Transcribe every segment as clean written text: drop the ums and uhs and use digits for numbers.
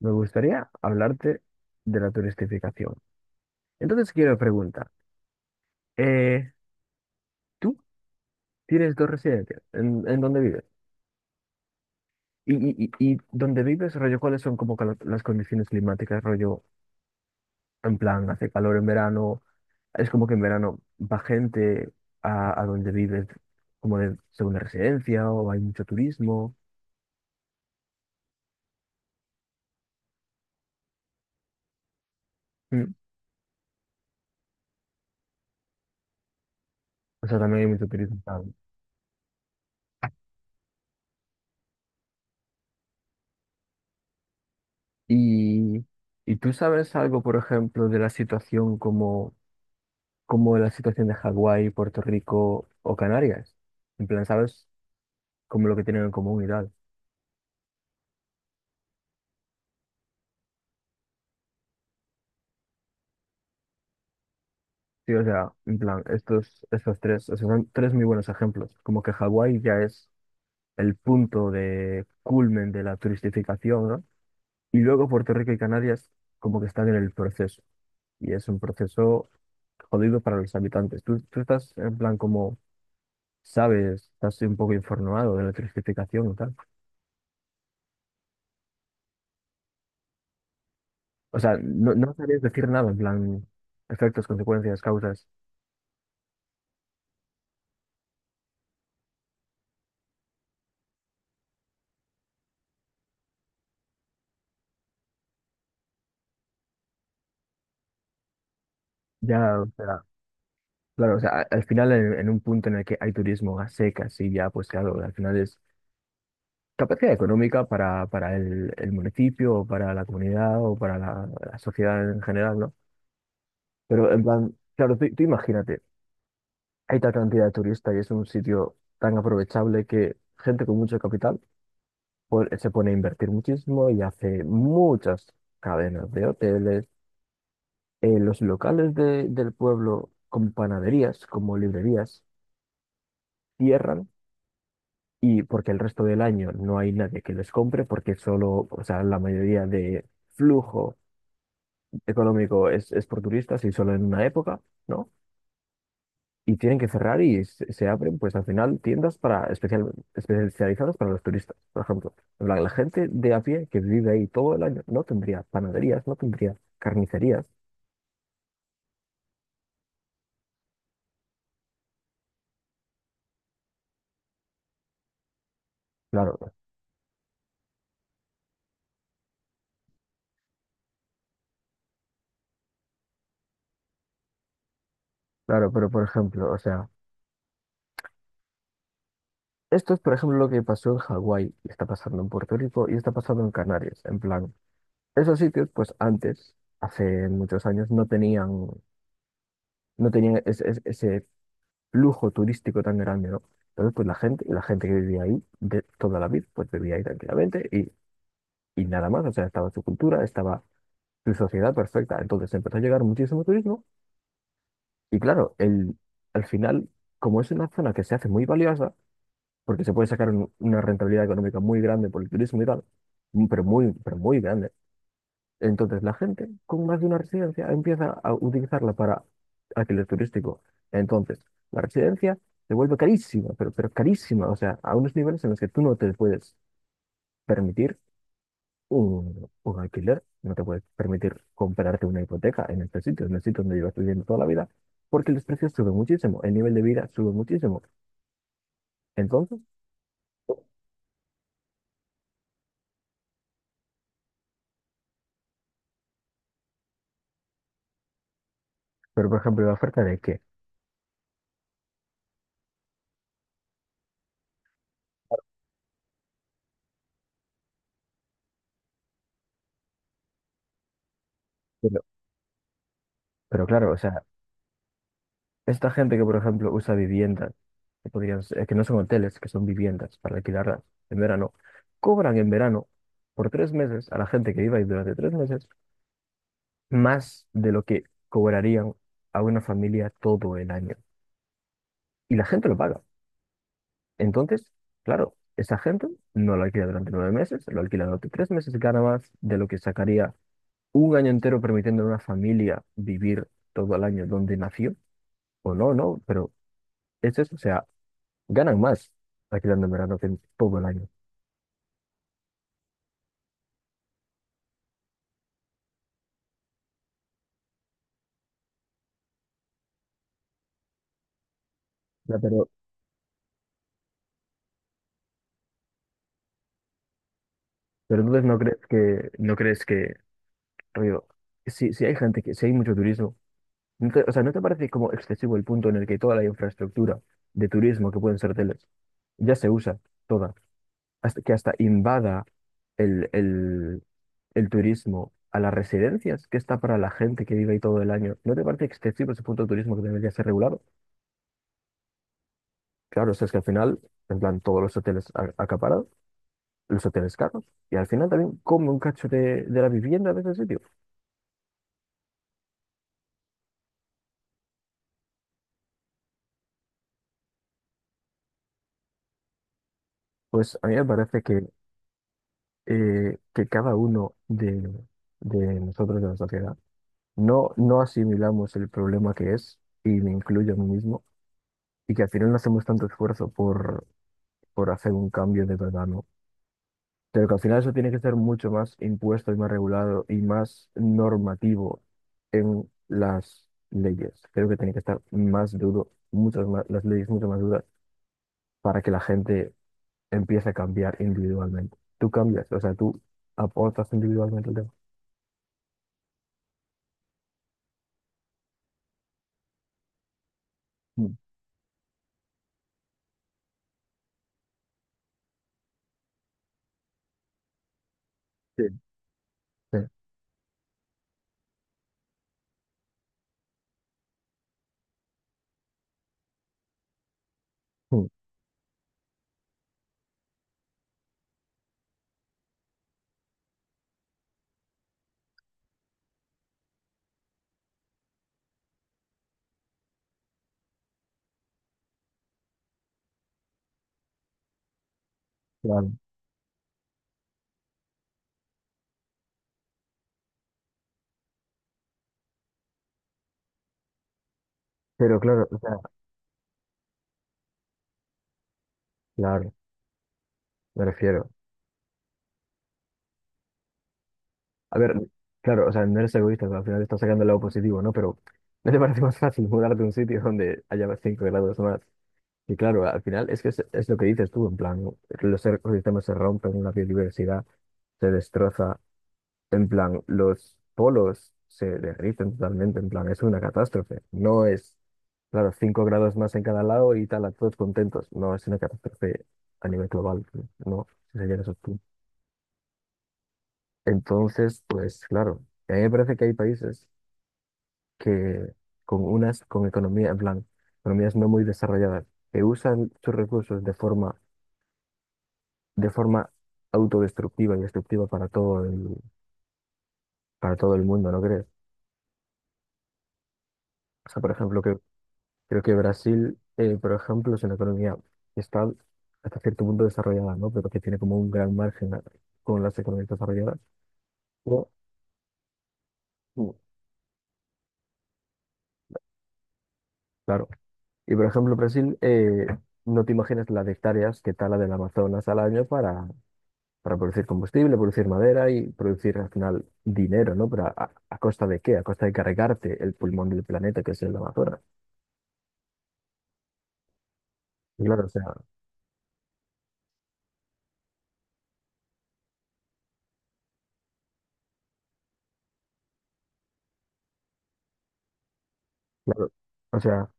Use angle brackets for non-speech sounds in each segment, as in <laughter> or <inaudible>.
Me gustaría hablarte de la turistificación. Entonces quiero preguntar, eh, ¿tú tienes dos residencias? ¿En dónde vives? Y dónde vives, rollo, ¿cuáles son como que las condiciones climáticas, rollo, en plan, hace calor en verano, es como que en verano va gente a donde vives como de segunda residencia o hay mucho turismo? ¿Mm? O sea, también hay mucho turismo, claro. Y, y tú sabes algo, por ejemplo, de la situación como la situación de Hawái, Puerto Rico o Canarias. En plan, ¿sabes? Como lo que tienen en común y tal. Sí, o sea, en plan, estos tres, o sea, son tres muy buenos ejemplos. Como que Hawái ya es el punto de culmen de la turistificación, ¿no? Y luego Puerto Rico y Canarias como que están en el proceso. Y es un proceso jodido para los habitantes. Tú estás en plan como, sabes, estás un poco informado de la turistificación y tal. O sea, no sabías decir nada, en plan, efectos, consecuencias, causas. Ya, o sea, claro, o sea, al final en, un punto en el que hay turismo a secas y ya, pues claro, al final es capacidad económica para, el municipio o para la comunidad o para la, sociedad en general, ¿no? Pero en plan, claro, tú imagínate, hay tal cantidad de turistas y es un sitio tan aprovechable que gente con mucho capital se pone a invertir muchísimo y hace muchas cadenas de hoteles, los locales del pueblo con panaderías, como librerías, cierran, y porque el resto del año no hay nadie que les compre, porque solo, o sea, la mayoría de flujo económico es por turistas y solo en una época, ¿no? Y tienen que cerrar y se abren, pues al final, tiendas para especializadas para los turistas, por ejemplo. la, gente de a pie que vive ahí todo el año no tendría panaderías, no tendría carnicerías. Claro, claro, pero por ejemplo, o sea. Esto es, por ejemplo, lo que pasó en Hawái, está pasando en Puerto Rico y está pasando en Canarias. En plan, esos sitios, pues antes, hace muchos años, no tenían ese flujo turístico tan grande, ¿no? Entonces, pues la gente que vivía ahí de toda la vida, pues vivía ahí tranquilamente y nada más, o sea, estaba su cultura, estaba su sociedad perfecta. Entonces empezó a llegar muchísimo turismo y claro, al final, como es una zona que se hace muy valiosa, porque se puede sacar una rentabilidad económica muy grande por el turismo y tal, pero muy grande. Entonces, la gente con más de una residencia empieza a utilizarla para alquiler turístico. Entonces, la residencia se vuelve carísima, pero carísima, o sea, a unos niveles en los que tú no te puedes permitir un alquiler, no te puedes permitir comprarte una hipoteca en este sitio, en el sitio donde llevas viviendo toda la vida, porque los precios suben muchísimo, el nivel de vida sube muchísimo. Entonces, pero por ejemplo, ¿la oferta de qué? Pero, pero claro, o sea, esta gente que, por ejemplo, usa viviendas que podrían que no son hoteles, que son viviendas para alquilarlas en verano, cobran en verano por 3 meses a la gente que viva ahí durante 3 meses más de lo que cobrarían a una familia todo el año. Y la gente lo paga. Entonces, claro, esa gente no lo alquila durante 9 meses, lo alquila durante 3 meses, gana más de lo que sacaría un año entero permitiendo a una familia vivir todo el año donde nació, o no, no, pero es eso, o sea, ganan más alquilando en verano que en todo el año. Pero entonces no crees que, rollo, si, si hay gente que, si hay mucho turismo, o sea, ¿no te parece como excesivo el punto en el que toda la infraestructura de turismo que pueden ser hoteles ya se usa toda, hasta, que hasta invada el, el, el, turismo a las residencias que está para la gente que vive ahí todo el año? ¿No te parece excesivo ese punto de turismo que debería ser regulado? Claro, o sea, es que al final, en plan, todos los hoteles acaparados, los hoteles caros, y al final también come un cacho de, la vivienda de ese sitio. Pues a mí me parece que cada uno de nosotros de la sociedad no asimilamos el problema que es, y me incluyo a mí mismo, y que al final no hacemos tanto esfuerzo por hacer un cambio de verdad, ¿no? Pero que al final eso tiene que ser mucho más impuesto y más regulado y más normativo en las leyes. Creo que tiene que estar más duro, muchas más, las leyes mucho más duras para que la gente empiece a cambiar individualmente. Tú cambias, o sea, tú aportas individualmente el tema. Mm. Sí. Sí. Mm. Claro, pero claro, o sea, claro, me refiero. A ver, claro, o sea, no eres egoísta, pero al final estás sacando el lado positivo, ¿no? Pero ¿no te parece <laughs> más fácil mudarte a un sitio donde haya 5 grados más? Y claro, al final es que es lo que dices tú, en plan, ¿no? Los ecosistemas se rompen, la biodiversidad se destroza, en plan, los polos se derriten totalmente, en plan, es una catástrofe. No es, claro, 5 grados más en cada lado y tal, a todos contentos. No, es una catástrofe a nivel global, no, si sería eso. Entonces, pues claro, a mí me parece que hay países que con unas, con economía, en plan, economías no muy desarrolladas, que usan sus recursos de forma autodestructiva y destructiva para todo el mundo, ¿no crees? O sea, por ejemplo, que, creo que Brasil, por ejemplo, es una economía que está hasta cierto punto desarrollada, ¿no? Pero que tiene como un gran margen con las economías desarrolladas. O, mm, claro. Y por ejemplo, Brasil, no te imaginas las hectáreas que tala del Amazonas al año para producir combustible, producir madera y producir al final dinero, ¿no? Pero a, ¿a costa de qué? A costa de cargarte el pulmón del planeta que es el Amazonas. Y claro, o sea,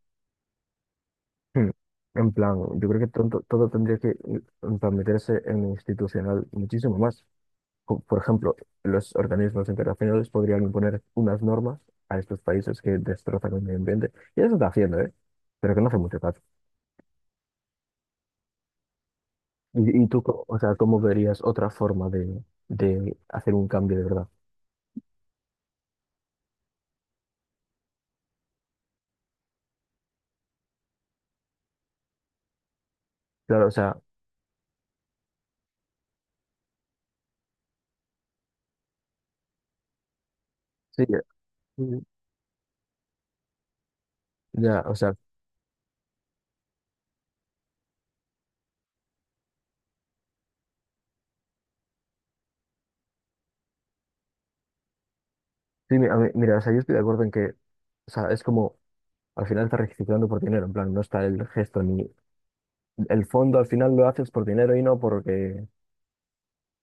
hmm, en plan, yo creo que todo, tendría que en plan, meterse en lo institucional muchísimo más. Por ejemplo, los organismos internacionales podrían imponer unas normas a estos países que destrozan el medio ambiente. Y eso está haciendo, ¿eh? Pero que no hace mucho caso. ¿Y tú, o sea, cómo verías otra forma de hacer un cambio de verdad? Claro, o sea, sí, mm, ya, o sea, sí, mira, o sea, yo estoy de acuerdo en que, o sea, es como, al final estás reciclando por dinero, en plan, no está el gesto ni el fondo, al final lo haces por dinero y no porque.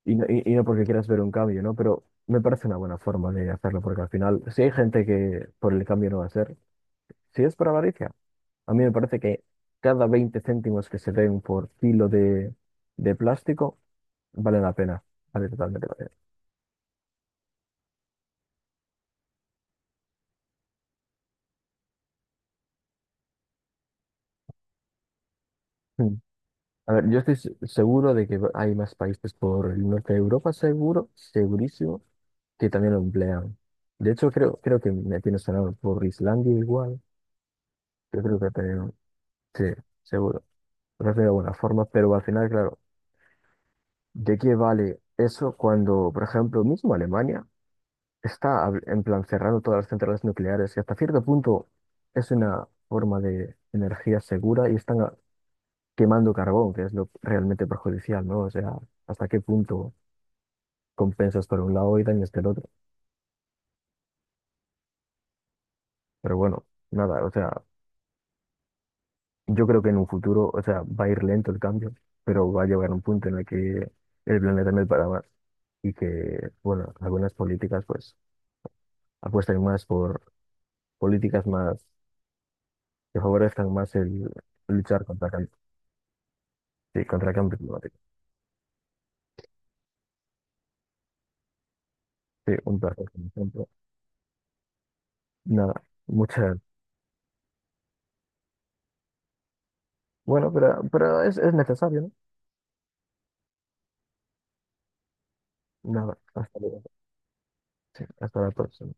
Y no, y no porque quieras ver un cambio, ¿no? Pero me parece una buena forma de hacerlo, porque al final, si hay gente que por el cambio no va a ser, si es por avaricia, a mí me parece que cada 20 céntimos que se den por kilo de, plástico vale la pena. Vale totalmente la pena. Mm. A ver, yo estoy seguro de que hay más países por el norte de Europa, seguro, segurísimo, que también lo emplean. De hecho, creo que me tiene sonado por Islandia igual. Yo creo que también, sí, seguro. Me parece una buena forma, pero al final, claro. ¿De qué vale eso cuando, por ejemplo, mismo Alemania está en plan cerrando todas las centrales nucleares y hasta cierto punto es una forma de energía segura y están quemando carbón, que es lo realmente perjudicial, ¿no? O sea, hasta qué punto compensas por un lado y dañas del otro. Pero bueno, nada, o sea, yo creo que en un futuro, o sea, va a ir lento el cambio, pero va a llegar un punto en el que el planeta no es para más y que, bueno, algunas políticas pues apuestan más por políticas más que favorezcan más el luchar contra, sí, contra el cambio climático. Sí, un placer, como siempre. Nada, muchas. Bueno, pero es necesario, ¿no? Nada, hasta luego. Sí, hasta la próxima.